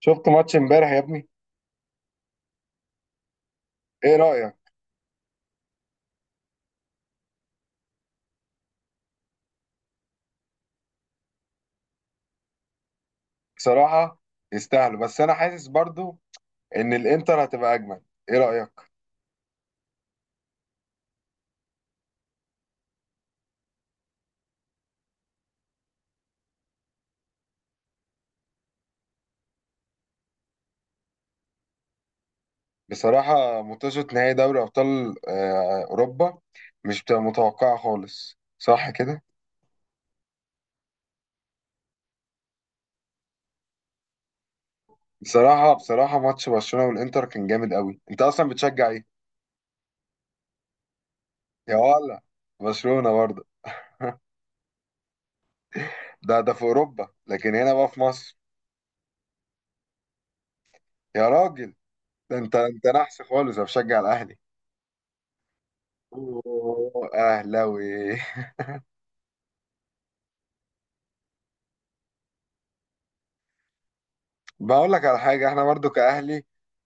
شفت ماتش امبارح يا ابني؟ ايه رأيك؟ بصراحة يستاهلوا، بس انا حاسس برضو ان الانتر هتبقى اجمل. ايه رأيك؟ بصراحة، ماتشات نهائي دوري ابطال اوروبا مش بتبقى متوقعة خالص، صح كده؟ بصراحة ماتش برشلونة والانتر كان جامد قوي. انت اصلا بتشجع ايه؟ يا ولا، برشلونة برضه. ده في اوروبا، لكن هنا بقى في مصر. يا راجل، ده انت نحس خالص، انا بشجع الاهلي. أوه، اهلاوي! بقول لك على حاجه، احنا برضو كاهلي.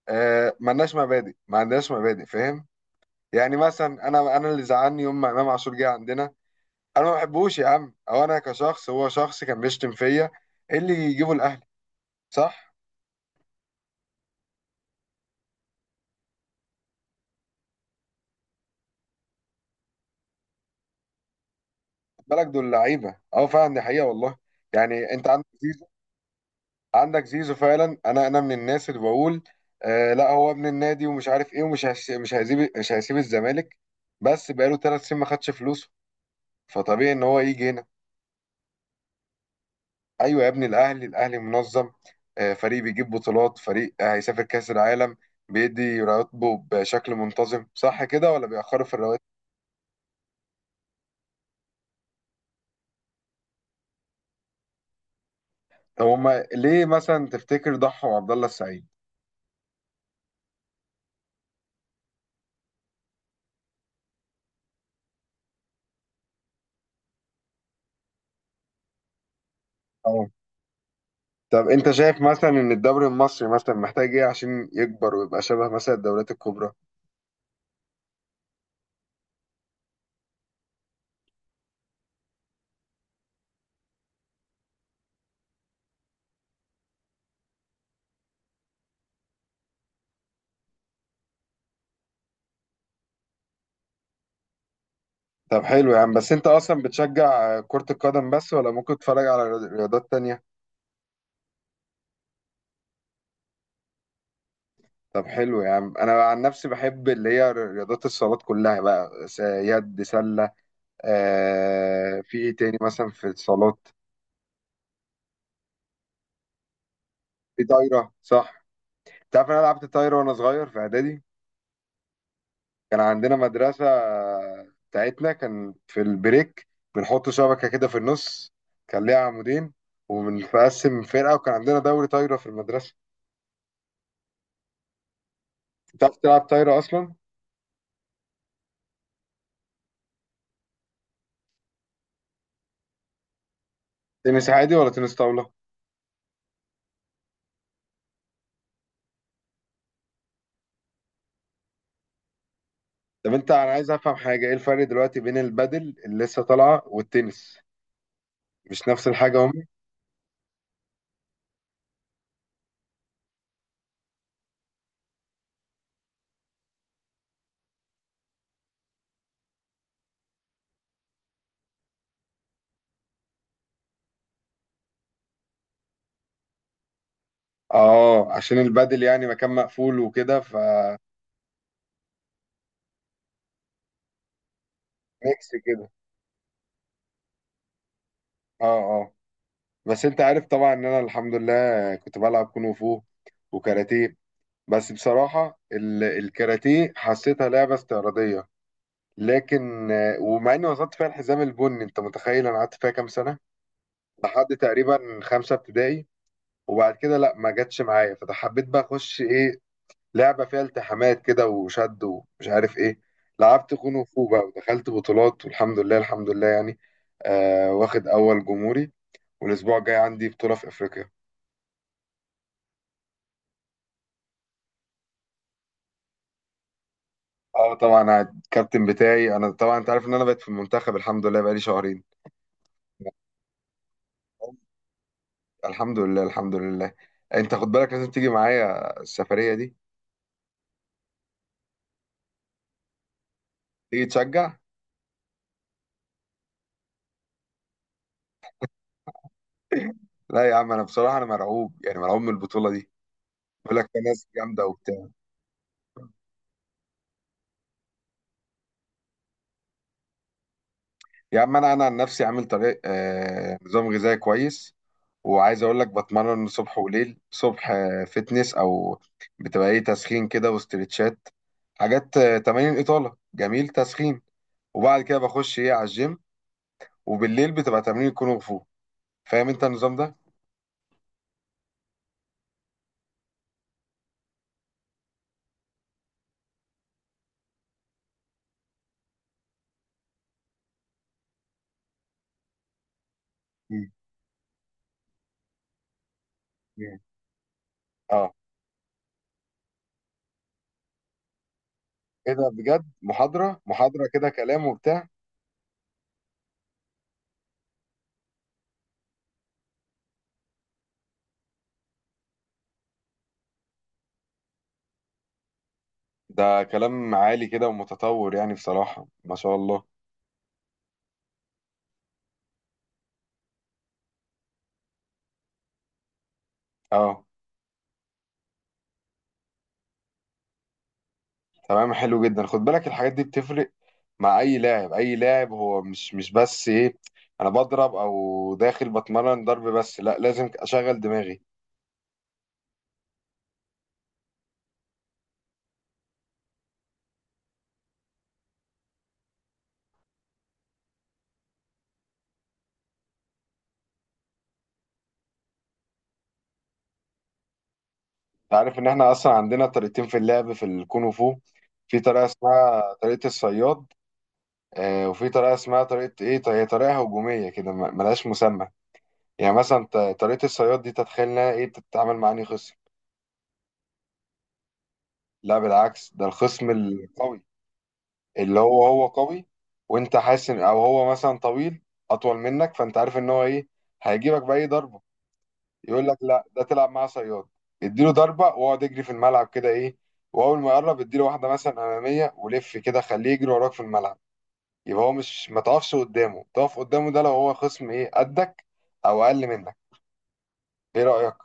آه ملناش مبادئ، ما عندناش مبادئ، فاهم؟ يعني مثلا انا اللي زعلني يوم ما امام عاشور جه عندنا. انا ما بحبوش يا عم، او انا كشخص، هو شخص كان بيشتم فيا. إيه اللي يجيبه الاهلي؟ صح. خد بالك دول لعيبه، اه فعلا، دي حقيقه والله. يعني انت عندك زيزو. عندك زيزو فعلا، انا من الناس اللي بقول: آه لا، هو ابن النادي ومش عارف ايه ومش هش- مش هيسيب مش هيسيب الزمالك. بس بقاله 3 سنين ما خدش فلوسه، فطبيعي ان هو يجي هنا. ايوه يا ابني، الاهلي منظم، فريق بيجيب بطولات، فريق هيسافر كاس العالم، بيدي رواتبه بشكل منتظم، صح كده ولا بيأخروا في الرواتب؟ طب هما ليه مثلا تفتكر ضحوا عبد الله السعيد؟ اه. طب انت شايف مثلا ان الدوري المصري مثلا محتاج ايه عشان يكبر ويبقى شبه مثلا الدوريات الكبرى؟ طب حلو يا عم، بس انت اصلا بتشجع كرة القدم بس، ولا ممكن تتفرج على رياضات تانية؟ طب حلو يا عم، انا عن نفسي بحب اللي هي رياضات الصالات كلها بقى: يد، سلة. في ايه تاني مثلا في الصالات؟ في طايره، صح. انت عارف انا لعبت طايره وانا صغير في اعدادي. كان عندنا مدرسه بتاعتنا، كان في البريك بنحط شبكه كده في النص، كان ليها عمودين، وبنقسم فرقه، وكان عندنا دوري طايره في المدرسه. انت عارف تلعب طايره اصلا؟ تنس عادي ولا تنس طاوله؟ طب انا عايز افهم حاجه، ايه الفرق دلوقتي بين البادل اللي لسه طالعه والتنس؟ مش نفس الحاجه هم؟ اه، عشان البادل يعني مكان مقفول وكده، ف... ميكس كده. اه، اه. بس انت عارف طبعا ان انا الحمد لله كنت بلعب كونغ فو وكاراتيه. بس بصراحة الكاراتيه حسيتها لعبة استعراضية. لكن ومع اني وصلت فيها الحزام البني، انت متخيل انا قعدت فيها كام سنة؟ لحد تقريبا 5 ابتدائي. وبعد كده لا، ما جاتش معايا، فحبيت بقى اخش ايه؟ لعبة فيها التحامات كده وشد ومش عارف ايه. لعبت كونغ فو بقى، ودخلت بطولات، والحمد لله الحمد لله يعني. واخد أول جمهوري، والأسبوع الجاي عندي بطولة في أفريقيا. اه طبعا، أنا الكابتن بتاعي، انا طبعا انت عارف ان انا بقيت في المنتخب الحمد لله بقالي شهرين. الحمد لله الحمد لله. انت خد بالك، لازم تيجي معايا السفرية دي، تيجي تشجع. لا يا عم، انا بصراحة انا مرعوب، يعني مرعوب من البطولة دي. بيقول لك في ناس جامدة وبتاع. يا عم، انا عن نفسي عامل طريق آه نظام غذائي كويس، وعايز اقول لك بتمرن صبح وليل. صبح فتنس، او بتبقى ايه، تسخين كده واسترتشات، حاجات تمارين اطاله، جميل، تسخين. وبعد كده بخش ايه على الجيم. وبالليل بتبقى تمارين كونغ فو. فاهم انت النظام ده؟ مم. مم. اه. ايه ده بجد، محاضره محاضره كده كلام وبتاع؟ ده كلام عالي كده ومتطور يعني، بصراحه ما شاء الله. اه تمام، حلو جدا، خد بالك الحاجات دي بتفرق مع اي لاعب اي لاعب. هو مش بس ايه، انا بضرب او داخل بتمرن ضرب بس، لا، لازم اشغل دماغي. انت عارف ان احنا اصلا عندنا طريقتين في اللعب في الكونغ فو. في طريقه اسمها طريقه الصياد، وفي طريقه اسمها طريقه ايه، هي طريقه هجوميه كده ملهاش مسمى. يعني مثلا طريقه الصياد دي، تتخيل انها ايه، بتتعامل مع انهي خصم؟ لا بالعكس، ده الخصم القوي، اللي هو قوي، وانت حاسس ان او هو مثلا طويل، اطول منك، فانت عارف ان هو ايه، هيجيبك باي ضربه. يقول لك لا، ده تلعب معاه صياد. اديله ضربه، واقعد يجري في الملعب كده ايه، واول ما يقرب اديله واحده مثلا اماميه ولف كده، خليه يجري وراك في الملعب. يبقى هو مش ما تقفش قدامه، تقف قدامه ده لو هو خصم ايه قدك، او اقل منك. ايه رايك؟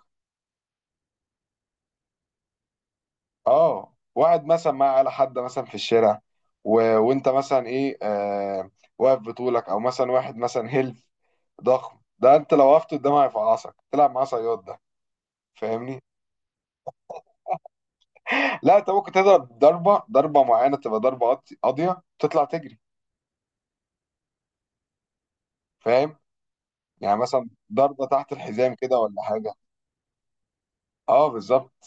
اه، واحد مثلا على حد مثلا في الشارع، و... وانت مثلا ايه واقف بطولك، او مثلا واحد مثلا هيل ضخم، ده انت لو وقفت قدامه هيفعصك. تلعب معاه صياد ده، فاهمني؟ لا، انت ممكن تضرب ضربه معينه، تبقى ضربه قاضيه، تطلع تجري. فاهم؟ يعني مثلا ضربه تحت الحزام كده ولا حاجه. اه بالظبط.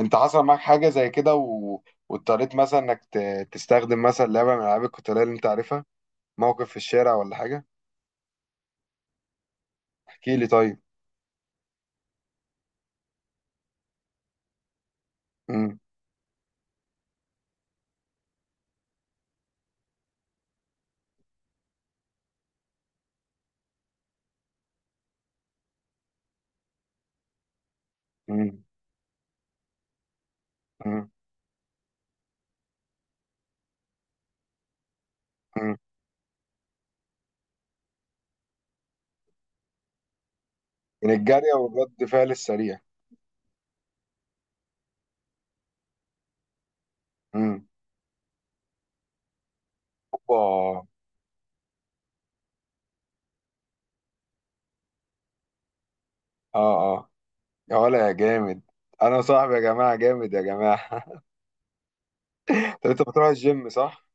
انت حصل معاك حاجه زي كده، و... واضطريت مثلا انك ت... تستخدم مثلا لعبه من العاب القتاليه اللي انت عارفها، موقف في الشارع ولا حاجه؟ احكي لي طيب. امم. امم. امم. امم. من الجاريه والرد فعل السريع. امم. اوبا. اه، اه. يا ولا يا جامد، انا صاحبي يا جماعه جامد يا جماعه. طب انت بتروح الجيم، صح؟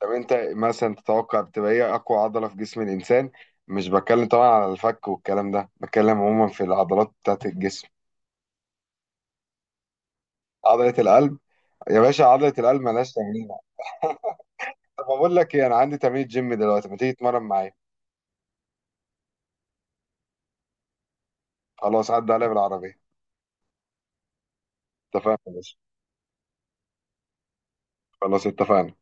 طب انت مثلا تتوقع بتبقى ايه اقوى عضله في جسم الانسان؟ مش بتكلم طبعا على الفك والكلام ده، بتكلم عموما في العضلات بتاعت الجسم. عضله القلب. يا باشا، عضله القلب ملهاش تمرين. طب اقول لك ايه، انا عندي تمرين جيم دلوقتي، ما تيجي تتمرن معايا؟ خلاص عدى عليا بالعربيه. اتفقنا يا باشا. خلاص اتفقنا.